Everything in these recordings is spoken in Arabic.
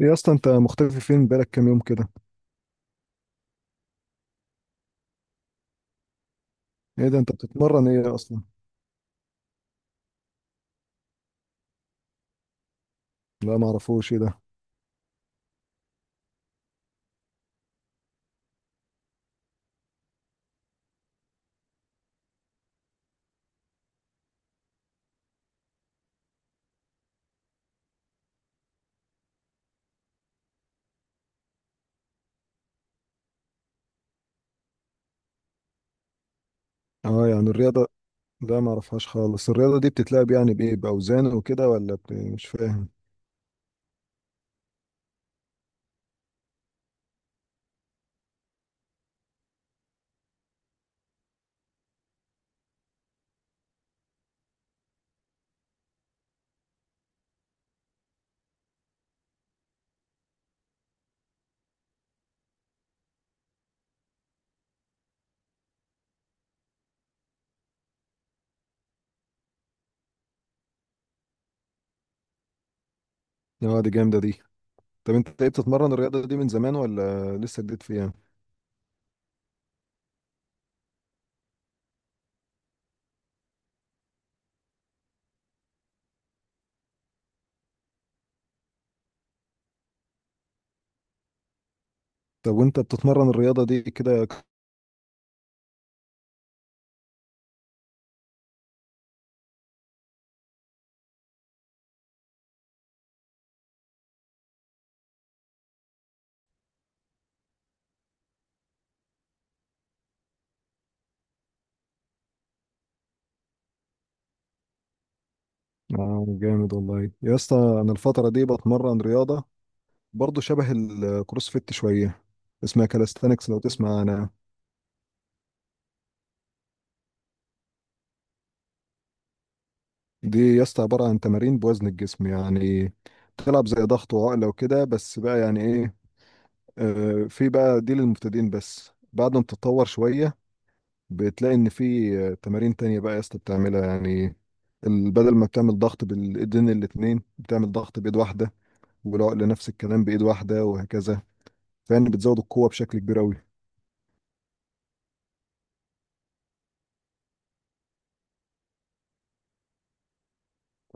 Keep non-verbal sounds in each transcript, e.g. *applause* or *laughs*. ايه يا اسطى، انت مختفي فين؟ بقالك كام يوم كده؟ ايه ده؟ انت بتتمرن ايه اصلا؟ لا، ما اعرفوش، ايه ده؟ اه، يعني الرياضه. لا، ما اعرفهاش خالص. الرياضه دي بتتلعب يعني بايه؟ باوزان وكده ولا مش فاهم. اه، دي جامده دي. طب انت ايه، بتتمرن الرياضه دي من زمان ولا لسه جديد فيها؟ طب وانت بتتمرن الرياضه دي كده اه جامد والله يا اسطى. انا الفتره دي بتمرن رياضه برضو شبه الكروسفيت شويه، اسمها كالستانكس لو تسمع. انا دي يا اسطى عبارة عن تمارين بوزن الجسم، يعني تلعب زي ضغط وعقلة وكده، بس بقى يعني ايه، في بقى دي للمبتدئين، بس بعد ما بتتطور شوية بتلاقي ان في تمارين تانية بقى يا اسطى بتعملها، يعني بدل ما بتعمل ضغط بالايدين الاتنين، بتعمل ضغط بايد واحدة، والعقلة نفس الكلام بايد واحدة وهكذا. فيعني بتزود القوة بشكل كبير قوي.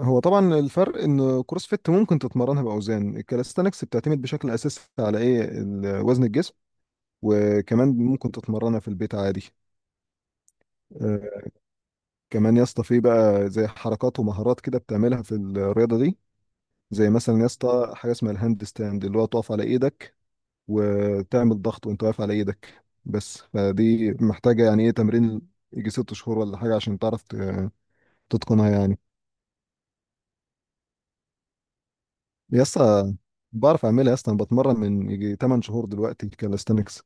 هو طبعا الفرق ان كروس فيت ممكن تتمرنها باوزان، الكاليستانكس بتعتمد بشكل اساسي على ايه، وزن الجسم. وكمان ممكن تتمرنها في البيت عادي. آه، كمان يا اسطى في بقى زي حركات ومهارات كده بتعملها في الرياضة دي. زي مثلا يا اسطى حاجة اسمها الهاند ستاند، اللي هو تقف على ايدك وتعمل ضغط وانت واقف على ايدك، بس فدي محتاجة يعني ايه تمرين، يجي 6 شهور ولا حاجة، عشان تعرف تتقنها يعني. يا اسطى بعرف اعملها يا اسطى. انا بتمرن من يجي 8 شهور دلوقتي كالستنكس،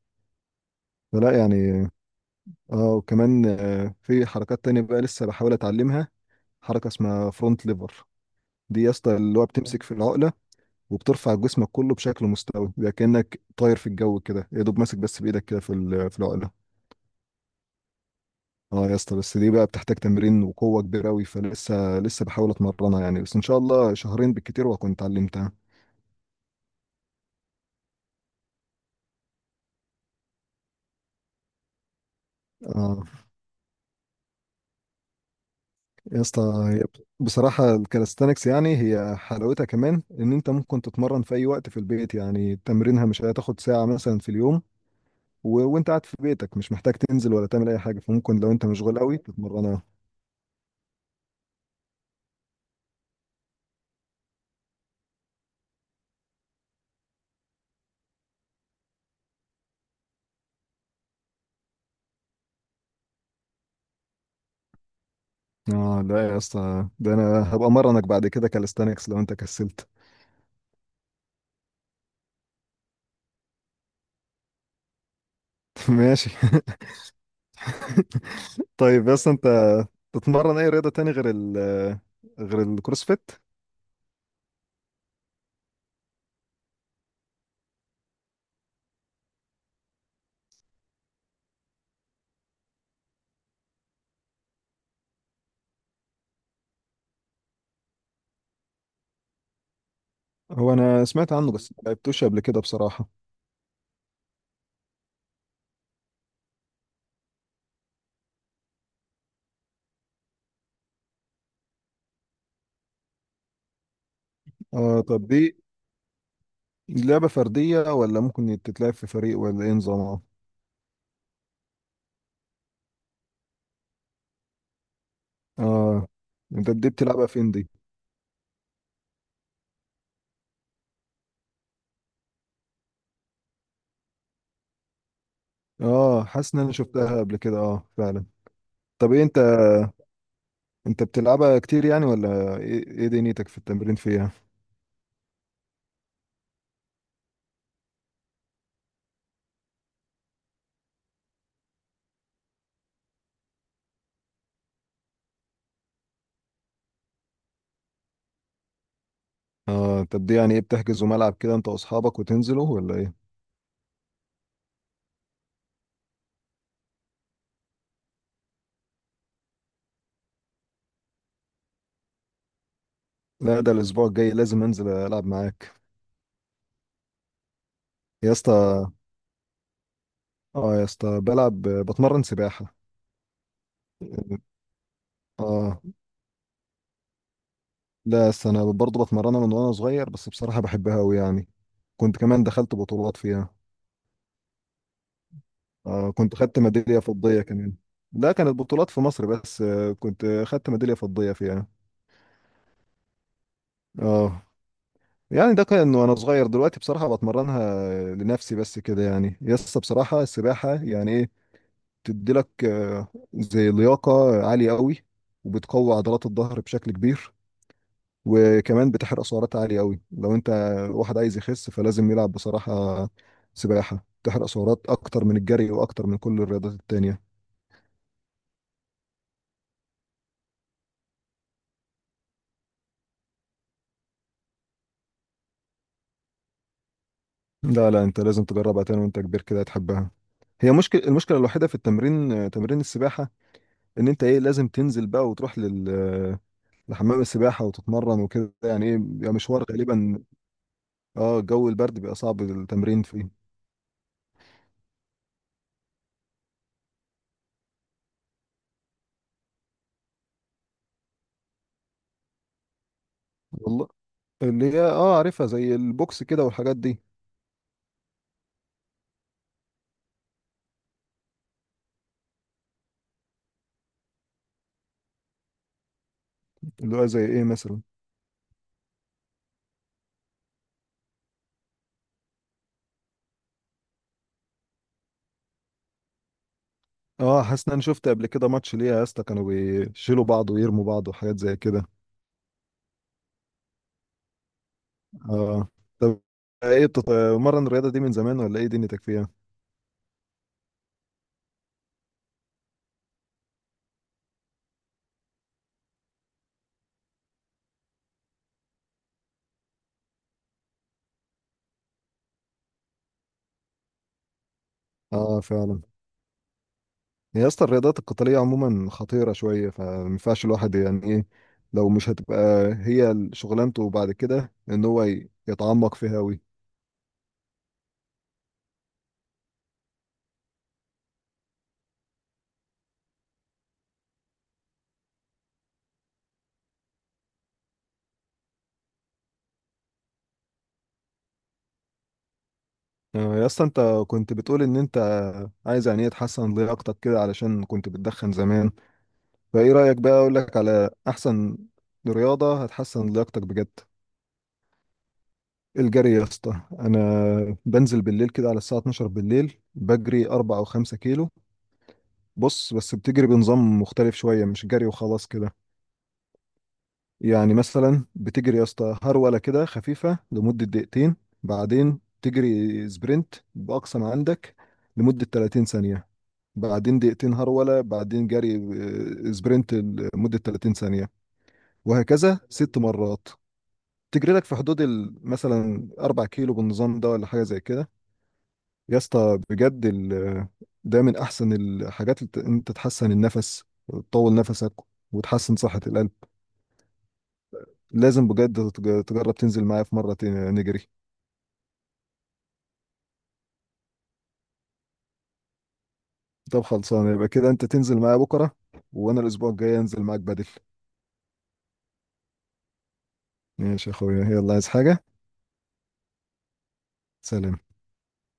فلا يعني. اه، وكمان في حركات تانية بقى لسه بحاول اتعلمها، حركة اسمها فرونت ليفر. دي يا اسطى اللي هو بتمسك في العقله، وبترفع جسمك كله بشكل مستوي، بيبقى كانك طاير في الجو كده، يا دوب ماسك بس بايدك كده في العقله. اه يا اسطى، بس دي بقى بتحتاج تمرين وقوه كبيره قوي، فلسه بحاول اتمرنها يعني، بس ان شاء الله شهرين بالكتير واكون اتعلمتها. اه يا اسطى، هي بصراحه الكالستانكس يعني هي حلاوتها كمان ان انت ممكن تتمرن في اي وقت في البيت، يعني تمرينها مش هتاخد ساعه مثلا في اليوم، وانت قاعد في بيتك مش محتاج تنزل ولا تعمل اي حاجه، فممكن لو انت مشغول قوي تتمرنها. اه لا يا اسطى، ده انا هبقى مرنك بعد كده كاليستانكس لو انت كسلت. *laughs* ماشي. *laughs* طيب، بس انت تتمرن اي رياضة تاني غير غير الكروسفيت؟ هو انا سمعت عنه بس ما لعبتوش قبل كده بصراحة. اه، طب دي لعبة فردية، ولا ممكن تتلعب في فريق، ولا ايه نظامها؟ اه، انت دي بتلعبها فين دي؟ اه، حاسس ان انا شفتها قبل كده، اه فعلا. طب ايه انت، انت بتلعبها كتير يعني، ولا ايه إيه دنيتك في التمرين فيها؟ اه، طب دي يعني ايه، بتحجزوا ملعب كده انت واصحابك وتنزلوا، ولا ايه؟ لا، ده الاسبوع الجاي لازم انزل العب معاك. يا اسطى، اه يا اسطى، بلعب، بتمرن سباحة. اه لا يا اسطى، انا برضه بتمرنها من وانا صغير، بس بصراحة بحبها قوي يعني، كنت كمان دخلت بطولات فيها. اه، كنت خدت ميدالية فضية كمان. لا، كانت بطولات في مصر بس، كنت خدت ميدالية فضية فيها. اه، يعني ده كان وانا صغير، دلوقتي بصراحة بتمرنها لنفسي بس كده، يعني يس. بصراحة السباحة يعني ايه، بتديلك زي لياقة عالية قوي، وبتقوي عضلات الظهر بشكل كبير، وكمان بتحرق سعرات عالية قوي. لو انت واحد عايز يخس، فلازم يلعب بصراحة سباحة. تحرق سعرات اكتر من الجري واكتر من كل الرياضات التانية. لا، انت لازم تجربها تاني وانت كبير، كده هتحبها. هي مشكلة المشكلة الوحيدة في التمرين، تمرين السباحة، ان انت ايه، لازم تنزل بقى وتروح لل آه، لحمام السباحة وتتمرن وكده، يعني ايه بيبقى مشوار غالبا. اه، جو البرد بيبقى صعب التمرين فيه. والله، اللي هي اه عارفها، زي البوكس كده والحاجات دي. اللي هو زي ايه مثلا؟ اه، حاسس ان انا شفت قبل كده ماتش ليها يا اسطى، كانوا بيشيلوا بعض ويرموا بعض وحاجات زي كده. اه، طب ايه، بتتمرن الرياضه دي من زمان، ولا ايه دنيتك فيها؟ اه فعلا. يا اسطى الرياضات القتاليه عموما خطيره شويه، فما ينفعش الواحد يعني ايه، لو مش هتبقى هي شغلانته بعد كده ان هو يتعمق فيها قوي. يا اسطى، انت كنت بتقول ان انت عايز يعني ايه تحسن لياقتك كده، علشان كنت بتدخن زمان. فايه رأيك بقى، اقول لك على احسن رياضة هتحسن لياقتك بجد؟ الجري يا اسطى. انا بنزل بالليل كده على الساعة 12 بالليل، بجري 4 او 5 كيلو. بص، بس بتجري بنظام مختلف شوية، مش جري وخلاص كده. يعني مثلا بتجري يا اسطى هرولة كده خفيفة لمدة دقيقتين، بعدين تجري سبرنت بأقصى ما عندك لمدة 30 ثانية، بعدين دقيقتين هرولة، بعدين جري سبرنت لمدة 30 ثانية، وهكذا 6 مرات. تجري لك في حدود مثلا 4 كيلو بالنظام ده، ولا حاجه زي كده. يا اسطى بجد، ده من احسن الحاجات اللي انت تحسن النفس وتطول نفسك وتحسن صحه القلب. لازم بجد تجرب تنزل معايا في مره نجري. طب خلصانه، يبقى كده انت تنزل معايا بكره، وانا الاسبوع الجاي انزل معاك بدل. ماشي يا اخويا، يلا، عايز حاجه؟ سلام.